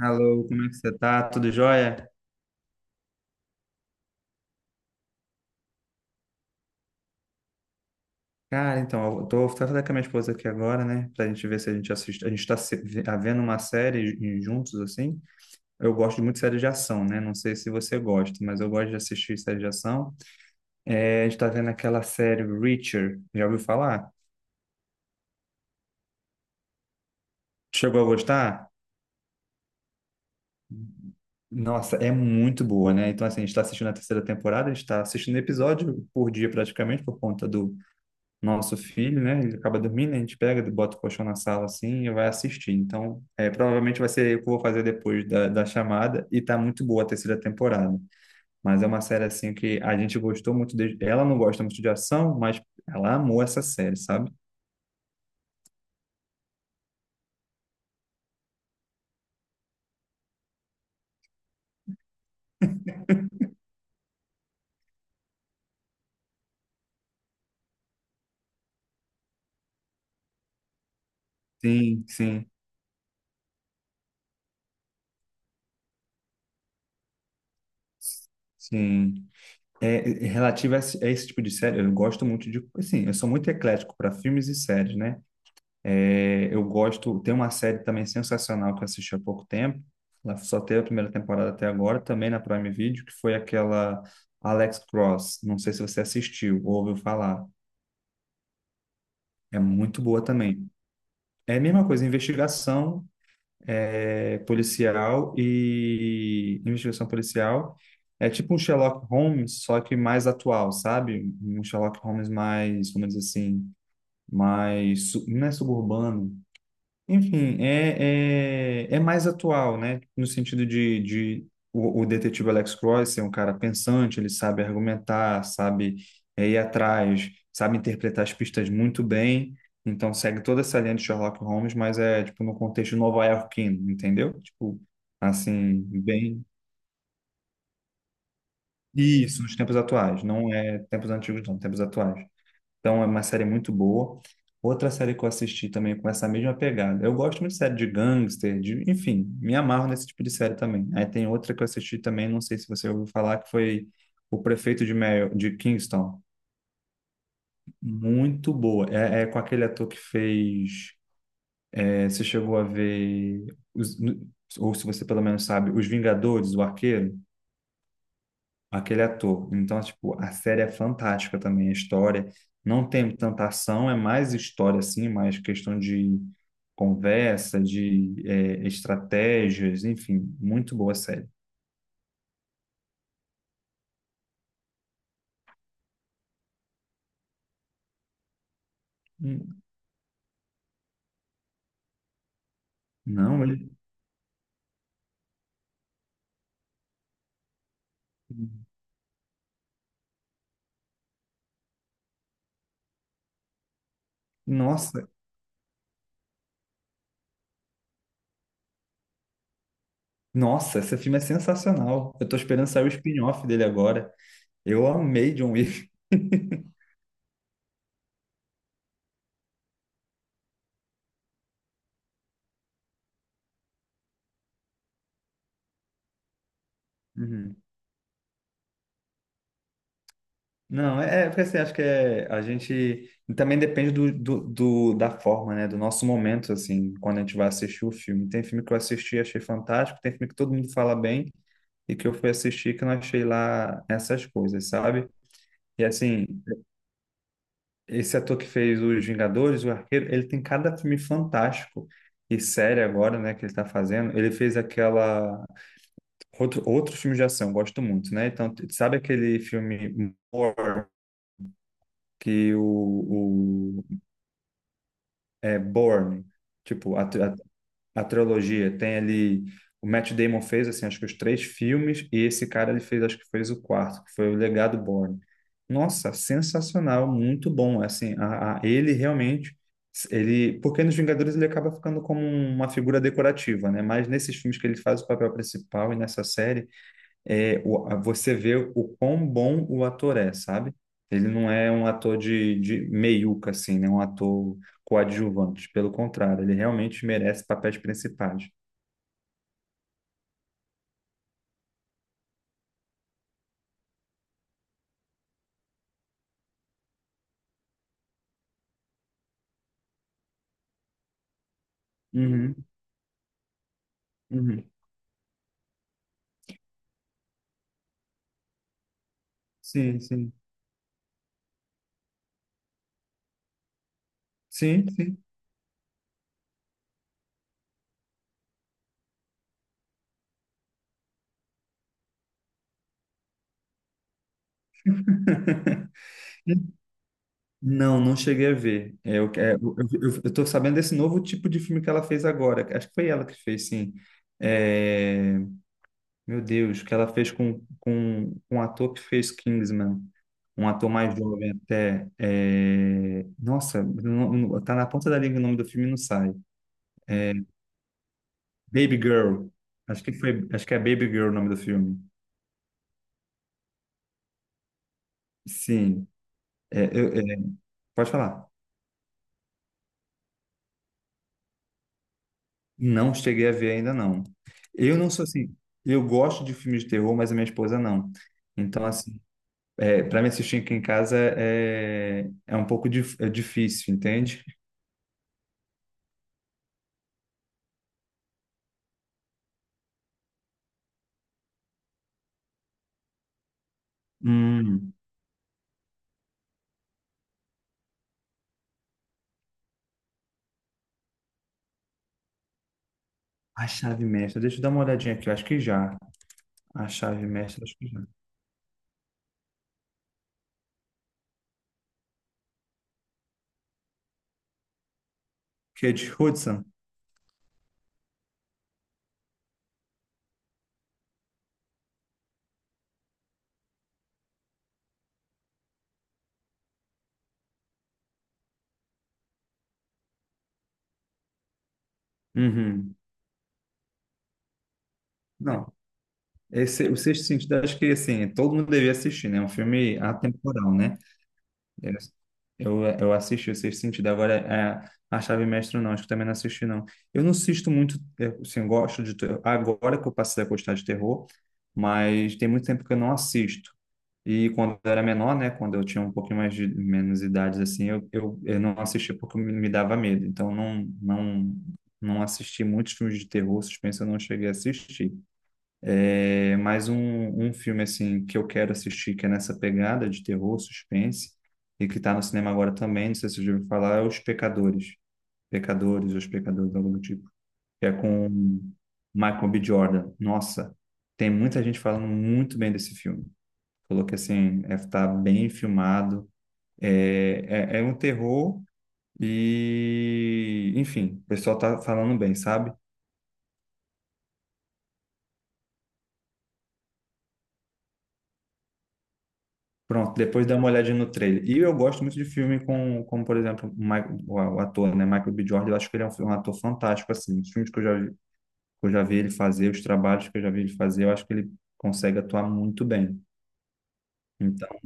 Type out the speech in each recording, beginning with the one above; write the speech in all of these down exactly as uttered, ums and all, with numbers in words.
Alô, como é que você tá? Tudo jóia? Cara, então, eu tô tratando com a minha esposa aqui agora, né? Pra gente ver se a gente assiste. A gente tá se- ve- vendo uma série ju- juntos, assim. Eu gosto muito de série de ação, né? Não sei se você gosta, mas eu gosto de assistir série de ação. É, a gente tá vendo aquela série Reacher. Já ouviu falar? Chegou a gostar? Nossa, é muito boa, né? Então, assim, a gente tá assistindo a terceira temporada, a gente tá assistindo episódio por dia praticamente, por conta do nosso filho, né? Ele acaba dormindo, a gente pega, bota o colchão na sala assim e vai assistir. Então, é, provavelmente vai ser o que eu vou fazer depois da, da chamada. E tá muito boa a terceira temporada. Mas é uma série assim que a gente gostou muito. De... Ela não gosta muito de ação, mas ela amou essa série, sabe? Sim, sim. Sim. É, é, relativo a esse, a esse tipo de série, eu gosto muito de. Assim, eu sou muito eclético para filmes e séries, né? É, eu gosto, tem uma série também sensacional que eu assisti há pouco tempo. Ela só teve a primeira temporada até agora, também na Prime Video, que foi aquela Alex Cross. Não sei se você assistiu ou ouviu falar. É muito boa também. É a mesma coisa, investigação é, policial e investigação policial. É tipo um Sherlock Holmes, só que mais atual, sabe? Um Sherlock Holmes mais, como diz assim, mais, su- não é suburbano. Enfim, é, é, é mais atual, né? No sentido de, de o, o detetive Alex Cross ser um cara pensante, ele sabe argumentar, sabe é, ir atrás, sabe interpretar as pistas muito bem. Então segue toda essa linha de Sherlock Holmes, mas é tipo no contexto nova-iorquino, entendeu? Tipo, assim, bem. Isso, nos tempos atuais, não é tempos antigos, não, tempos atuais. Então é uma série muito boa. Outra série que eu assisti também com essa mesma pegada. Eu gosto muito de série de gangster, de, enfim, me amarro nesse tipo de série também. Aí tem outra que eu assisti também, não sei se você ouviu falar, que foi O Prefeito de, Mary, de Kingston. Muito boa. É, é com aquele ator que fez. É, você chegou a ver, os- ou se você pelo menos sabe, Os Vingadores, o Arqueiro? Aquele ator. Então, tipo, a série é fantástica também, a história. Não tem tanta ação, é mais história, assim, mais questão de conversa, de eh, estratégias, enfim, muito boa a série. Hum. Não, ele... Nossa, nossa, esse filme é sensacional. Eu tô esperando sair o spin-off dele agora. Eu amei John Wick. Uhum. Não, é, é porque assim, acho que é, a gente também depende do, do, do- da forma, né? Do nosso momento, assim, quando a gente vai assistir o filme. Tem filme que eu assisti e achei fantástico, tem filme que todo mundo fala bem e que eu fui assistir que eu não achei lá essas coisas, sabe? E assim, esse ator que fez Os Vingadores, o Arqueiro, ele tem cada filme fantástico e série agora, né, que ele tá fazendo. Ele fez aquela. Outro, outro filme de ação, gosto muito, né? Então, sabe aquele filme More? Que o, é, Bourne, tipo, a, tri- a, a trilogia. Tem ali, o Matt Damon fez, assim, acho que os três filmes, e esse cara, ele fez, acho que fez o quarto, que foi o Legado Bourne. Nossa, sensacional, muito bom, assim, a, a- ele realmente, ele, porque nos Vingadores ele acaba ficando como uma figura decorativa, né? Mas nesses filmes que ele faz o papel principal e nessa série, é, o- a- você vê o quão bom o ator é, sabe? Ele não é um ator de, de meiuca, assim, né? Um ator coadjuvante. Pelo contrário, ele realmente merece papéis principais. Uhum, uhum. Sim, sim. Sim, sim. Não, não cheguei a ver. É, eu, é, eu, eu, eu tô sabendo desse novo tipo de filme que ela fez agora. Acho que foi ela que fez, sim. É, Meu Deus, que ela fez com, com, com um ator que fez Kingsman, um ator mais jovem até. É, Nossa, não, não- tá na ponta da língua o nome do filme e não sai. Baby Girl. Acho que foi, acho que é Baby Girl o nome do filme. Sim, é, eu- é, pode falar. Não cheguei a ver ainda não. Eu não sou assim, eu gosto de filmes de terror, mas a minha esposa não. Então assim, é, para me assistir aqui em casa é, é um pouco dif- é difícil, entende? Hum. A chave mestra, deixa eu dar uma olhadinha aqui, eu acho que já. A chave mestra, acho que já. Que é de Hudson. Uhum. Não, esse, o Sexto Sentido, acho que assim, todo mundo devia assistir, né? É um filme atemporal, né? Eu, eu eu assisti o Sexto Sentido, agora é, a chave mestra não, acho que também não assisti, não. Eu não assisto muito, eu, assim, eu gosto de. ter- Agora que eu passei a gostar de terror, mas tem muito tempo que eu não assisto. E quando eu era menor, né, quando eu tinha um pouquinho mais de menos idades assim, eu, eu, eu não assistia porque me me dava medo. Então não não não assisti muitos filmes de terror, suspense, eu não cheguei a assistir. É, mas um, um filme assim que eu quero assistir que é nessa pegada de terror, suspense e que está no cinema agora também, não sei se você já ouviu falar, é Os Pecadores. Pecadores, Os Pecadores, algo do tipo. Que é com Michael B. Jordan. Nossa, tem muita gente falando muito bem desse filme. Falou que assim, é, tá bem filmado. É, é, é um terror e, enfim, o pessoal tá falando bem, sabe? Pronto, depois dá uma olhadinha no trailer. E eu gosto muito de filme com, como por exemplo, o Mi- o o ator, né, Michael B. Jordan, eu acho que ele é um, fi- um ator fantástico, assim, os filmes que eu já, vi- que eu já vi ele fazer, os trabalhos que eu já vi ele fazer, eu acho que ele consegue atuar muito bem. Então,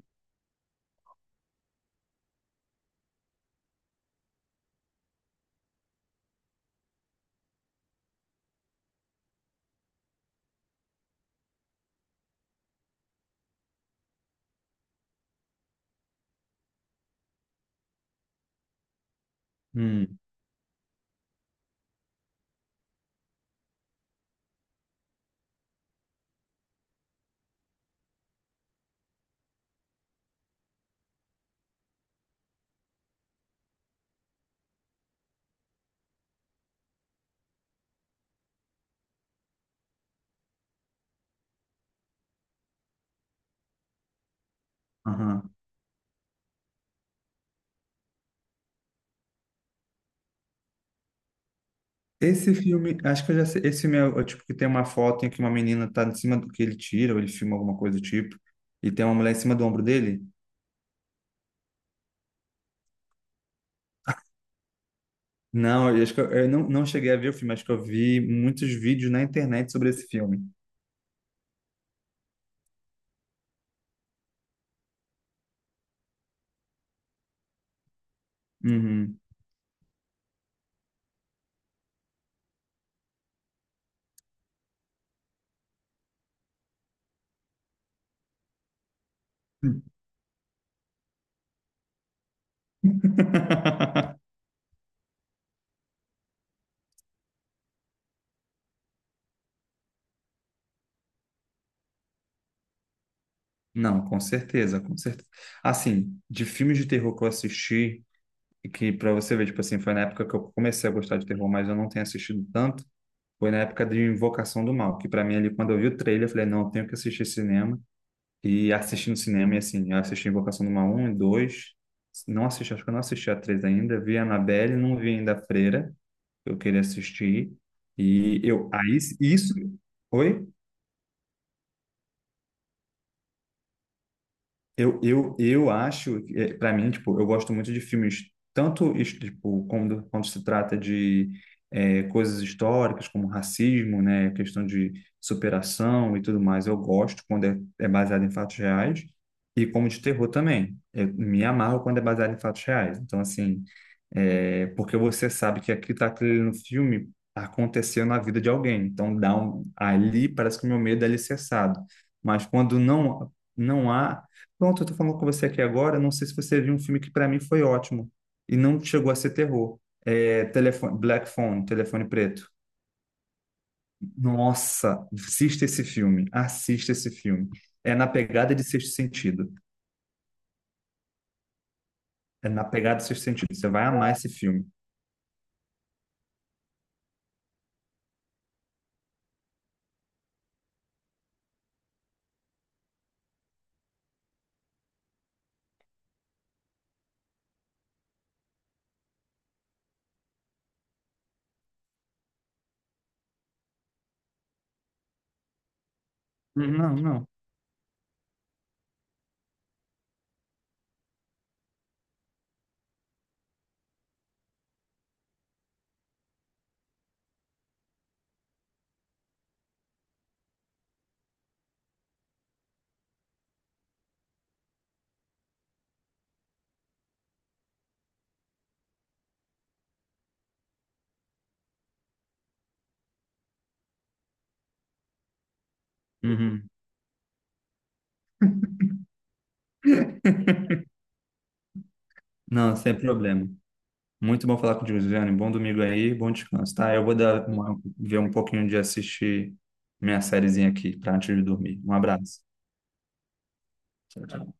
hum, aham. Esse filme, acho que eu já sei. Esse filme é, o é tipo que tem uma foto em que uma menina tá em cima do que ele tira, ou ele filma alguma coisa do tipo, e tem uma mulher em cima do ombro dele. Não, eu acho que eu, eu não, não cheguei a ver o filme, acho que eu vi muitos vídeos na internet sobre esse filme. Uhum. Não, com certeza, com certeza. Assim, de filmes de terror que eu assisti, e que pra você ver, tipo assim, foi na época que eu comecei a gostar de terror, mas eu não tenho assistido tanto, foi na época de Invocação do Mal, que pra mim ali, quando eu vi o trailer, eu falei, não, eu tenho que assistir cinema. E assisti no cinema, e assim, eu assisti Invocação do Mal um e dois. Não assisti, acho que eu não assisti a três ainda. Vi a Annabelle, não vi ainda a Freira. Eu queria assistir. E eu, aí, isso. Oi? Eu, eu, eu acho, para mim, tipo, eu gosto muito de filmes, tanto his- tipo, quando, quando se trata de eh, coisas históricas, como racismo, né, questão de superação e tudo mais, eu gosto quando é, é baseado em fatos reais, e como de terror também. Eu me amarro quando é baseado em fatos reais. Então, assim, é, porque você sabe que aqui está aquilo no filme aconteceu na vida de alguém. Então dá um, ali parece que o meu medo é alicerçado. Mas quando não não há, pronto, eu tô falando com você aqui agora, não sei se você viu um filme que para mim foi ótimo e não chegou a ser terror. É, telefone, Black Phone, Telefone Preto. Nossa, assista esse filme, assista esse filme. É na pegada de Sexto Sentido. É na pegada de Sexto Sentido. Você vai amar esse filme. Não, não. Uhum. Não, sem problema. Muito bom falar contigo, Juliane. Bom domingo aí, bom descanso, tá? Eu vou dar uma- ver um pouquinho de assistir minha sériezinha aqui para antes de dormir. Um abraço. Tchau, tchau.